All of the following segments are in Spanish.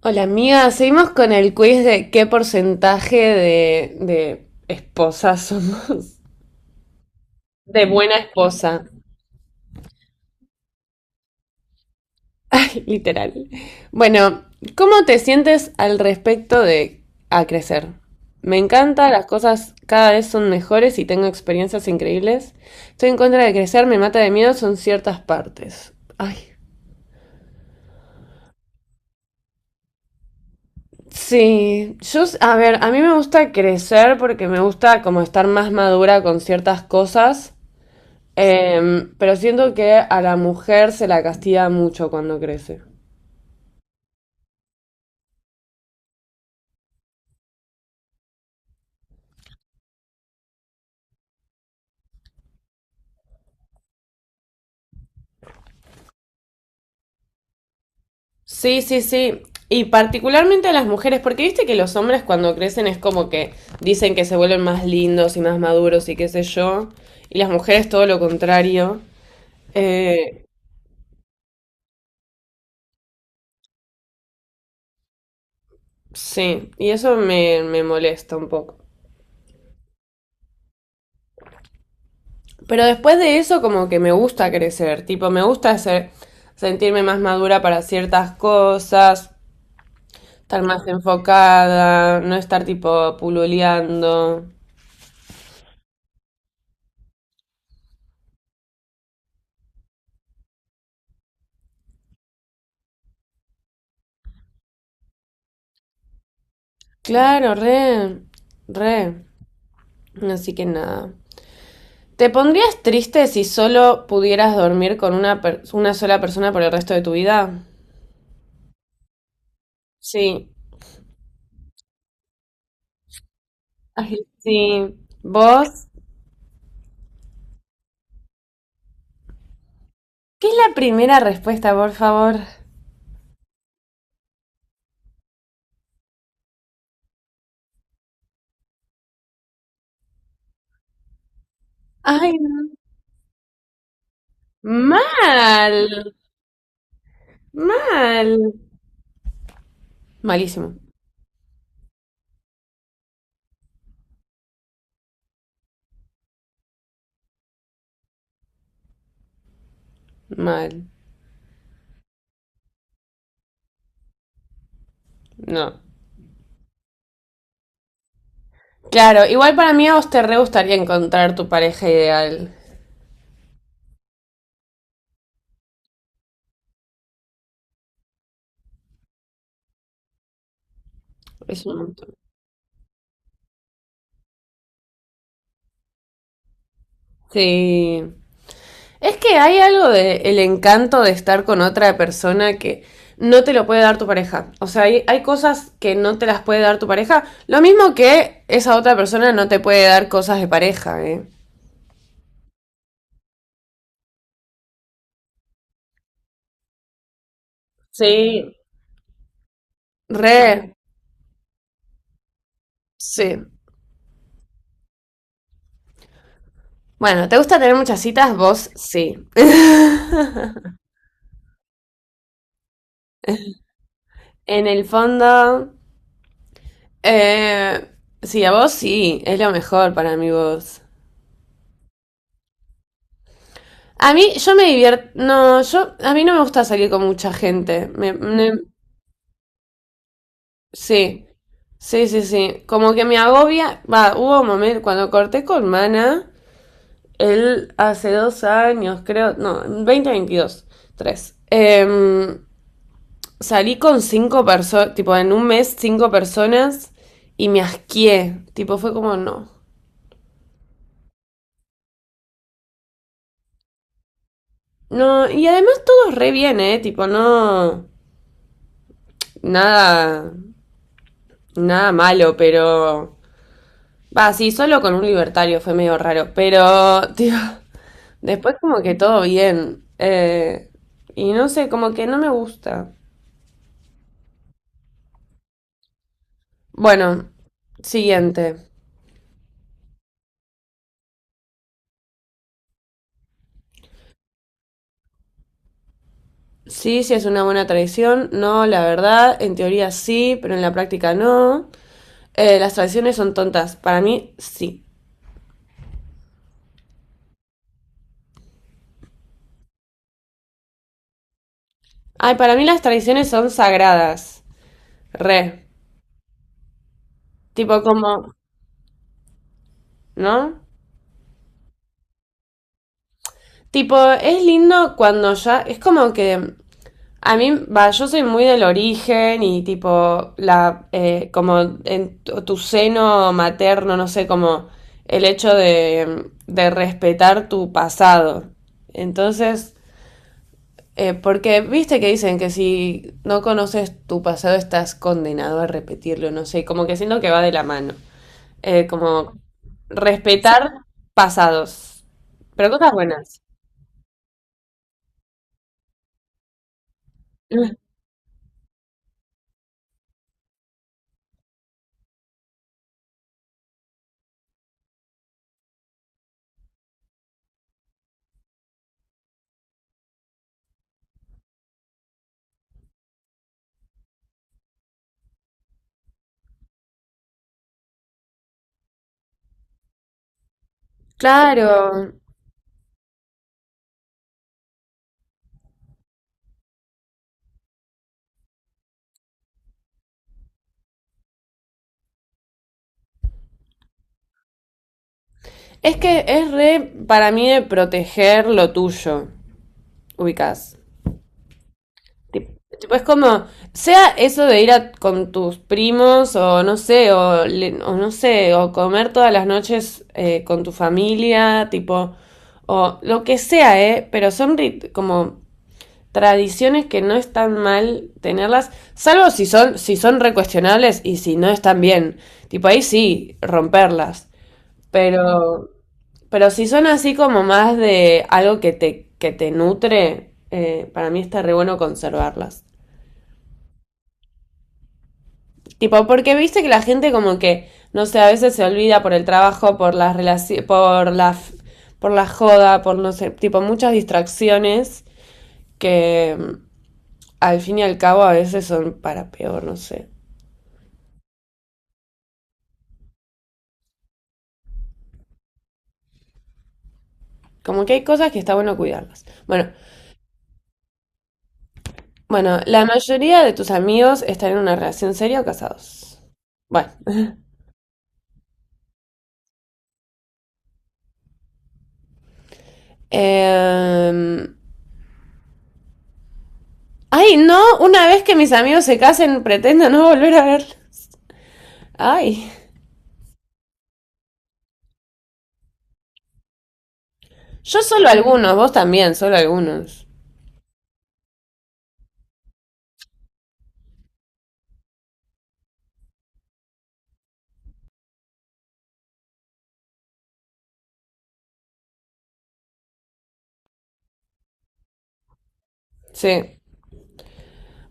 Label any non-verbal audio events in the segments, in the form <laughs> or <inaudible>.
Hola amiga, seguimos con el quiz de qué porcentaje de esposas somos. <laughs> De buena esposa, <laughs> literal. Bueno, ¿cómo te sientes al respecto de a crecer? Me encanta, las cosas cada vez son mejores y tengo experiencias increíbles. Estoy en contra de crecer, me mata de miedo, son ciertas partes. Ay. Sí, yo, a ver, a mí me gusta crecer porque me gusta como estar más madura con ciertas cosas. Pero siento que a la mujer se la castiga mucho cuando crece. Sí, sí, sí. Y particularmente a las mujeres, porque viste que los hombres cuando crecen es como que dicen que se vuelven más lindos y más maduros y qué sé yo. Y las mujeres todo lo contrario. Eh, sí, y eso me molesta un poco. Pero después de eso como que me gusta crecer, tipo, me gusta sentirme más madura para ciertas cosas, estar más enfocada, no estar tipo pululeando. Claro, re, re. Así que nada. ¿Te pondrías triste si solo pudieras dormir con una sola persona por el resto de tu vida? Sí. Ay, sí. ¿Vos? ¿Qué es la primera respuesta, por favor? Ay, no. Mal. Mal. Malísimo. Mal. No. Claro, igual para mí a vos te re gustaría encontrar tu pareja ideal. Es un montón. Sí. Es que hay algo de el encanto de estar con otra persona que no te lo puede dar tu pareja. O sea, hay cosas que no te las puede dar tu pareja. Lo mismo que esa otra persona no te puede dar cosas de pareja, ¿eh? Sí. Re, sí. Bueno, ¿te gusta tener muchas citas? Vos sí. <laughs> En el fondo, eh, sí, a vos sí, es lo mejor para mí vos. A mí, yo me divierto. No, yo. A mí no me gusta salir con mucha gente. Sí. Sí, sí, sí. Como que me agobia. Va, hubo un momento cuando corté con Mana. Él hace 2 años, creo. No, veinte, veintidós, tres. Salí con cinco personas. Tipo, en un mes, cinco personas. Y me asqué. Tipo, fue como no. No, y además todo re bien, ¿eh? Tipo, no. Nada. Nada malo, pero. Va, sí, solo con un libertario fue medio raro, pero, tío, <laughs> después como que todo bien. Y no sé, como que no me gusta. Bueno, siguiente. Sí, sí es una buena tradición. No, la verdad, en teoría sí, pero en la práctica no. Las tradiciones son tontas. Para mí, sí. Ay, para mí las tradiciones son sagradas. Re. Tipo como, ¿no? Tipo, es lindo cuando ya, es como que a mí, va, yo soy muy del origen y tipo, como en tu seno materno, no sé, como el hecho de respetar tu pasado. Entonces, porque viste que dicen que si no conoces tu pasado estás condenado a repetirlo, no sé, como que siento que va de la mano. Como sí, respetar pasados, pero cosas buenas. Claro, es que es re para mí de proteger lo tuyo. Ubicás. Tipo, es como, sea eso de ir con tus primos o no sé, o, o no sé, o comer todas las noches con tu familia, tipo, o lo que sea, ¿eh? Pero son como tradiciones que no están mal tenerlas, salvo si son, si son recuestionables y si no están bien. Tipo, ahí sí, romperlas. Pero... Pero si son así como más de algo que te, nutre, para mí está re bueno conservarlas. Tipo, porque viste que la gente como que, no sé, a veces se olvida por el trabajo, por las relaciones por la joda, por no sé, tipo muchas distracciones que al fin y al cabo a veces son para peor, no sé. Como que hay cosas que está bueno cuidarlas. Bueno, bueno, la mayoría de tus amigos están en una relación seria o casados. Bueno. <laughs> Em, Ay, no, una vez que mis amigos se casen, pretendo no volver a ver. Ay, yo solo algunos, vos también, solo algunos. Sí.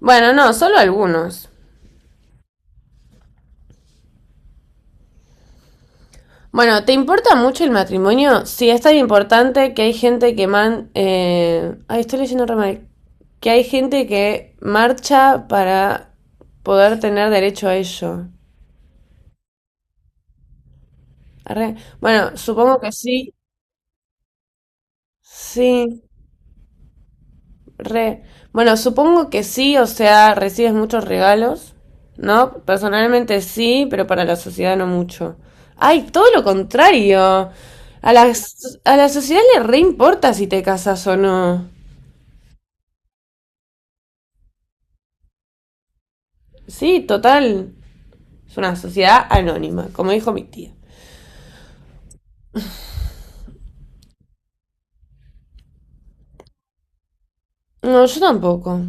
Bueno, no, solo algunos. Bueno, ¿te importa mucho el matrimonio? Sí, es tan importante que hay gente que man... Ay, estoy leyendo re mal. Que hay gente que marcha para poder tener derecho a ello. Arre. Bueno, supongo que sí. Sí. Re. Bueno, supongo que sí, o sea, recibes muchos regalos, ¿no? Personalmente sí, pero para la sociedad no mucho. Ay, todo lo contrario. A la, a la sociedad le re importa si te casas o no. Sí, total. Es una sociedad anónima, como dijo mi tía. No, yo tampoco.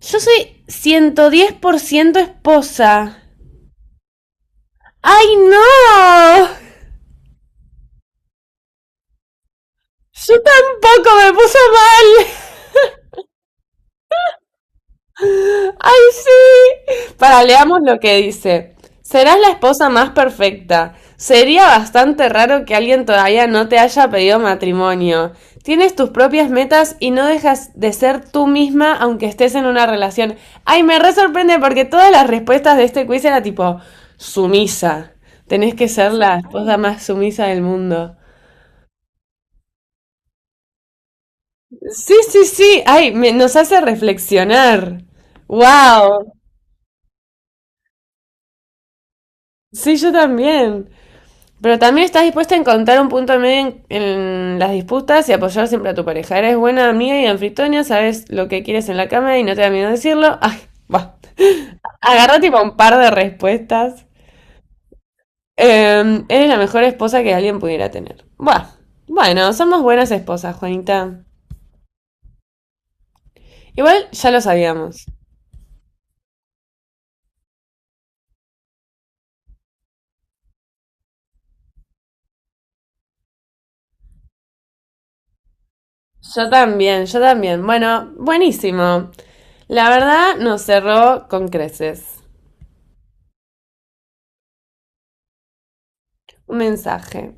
Yo soy 110% esposa. ¡Ay, no! Yo tampoco me puso mal. ¡Ay, sí! Para, leamos lo que dice. Serás la esposa más perfecta. Sería bastante raro que alguien todavía no te haya pedido matrimonio. Tienes tus propias metas y no dejas de ser tú misma aunque estés en una relación. Ay, me re sorprende porque todas las respuestas de este quiz era tipo sumisa. Tenés que ser la esposa más sumisa del mundo. Sí, sí, sí. Ay, nos hace reflexionar. Wow. Sí, yo también. Pero también estás dispuesta a encontrar un punto medio en las disputas y apoyar siempre a tu pareja. Eres buena amiga y anfitriona, sabes lo que quieres en la cama y no te da miedo decirlo. Ay, va. <laughs> Agarra tipo un par de respuestas. Eres la mejor esposa que alguien pudiera tener. Buah. Bueno, somos buenas esposas, Juanita. Igual ya lo sabíamos. Yo también, yo también. Bueno, buenísimo. La verdad nos cerró con creces. Un mensaje.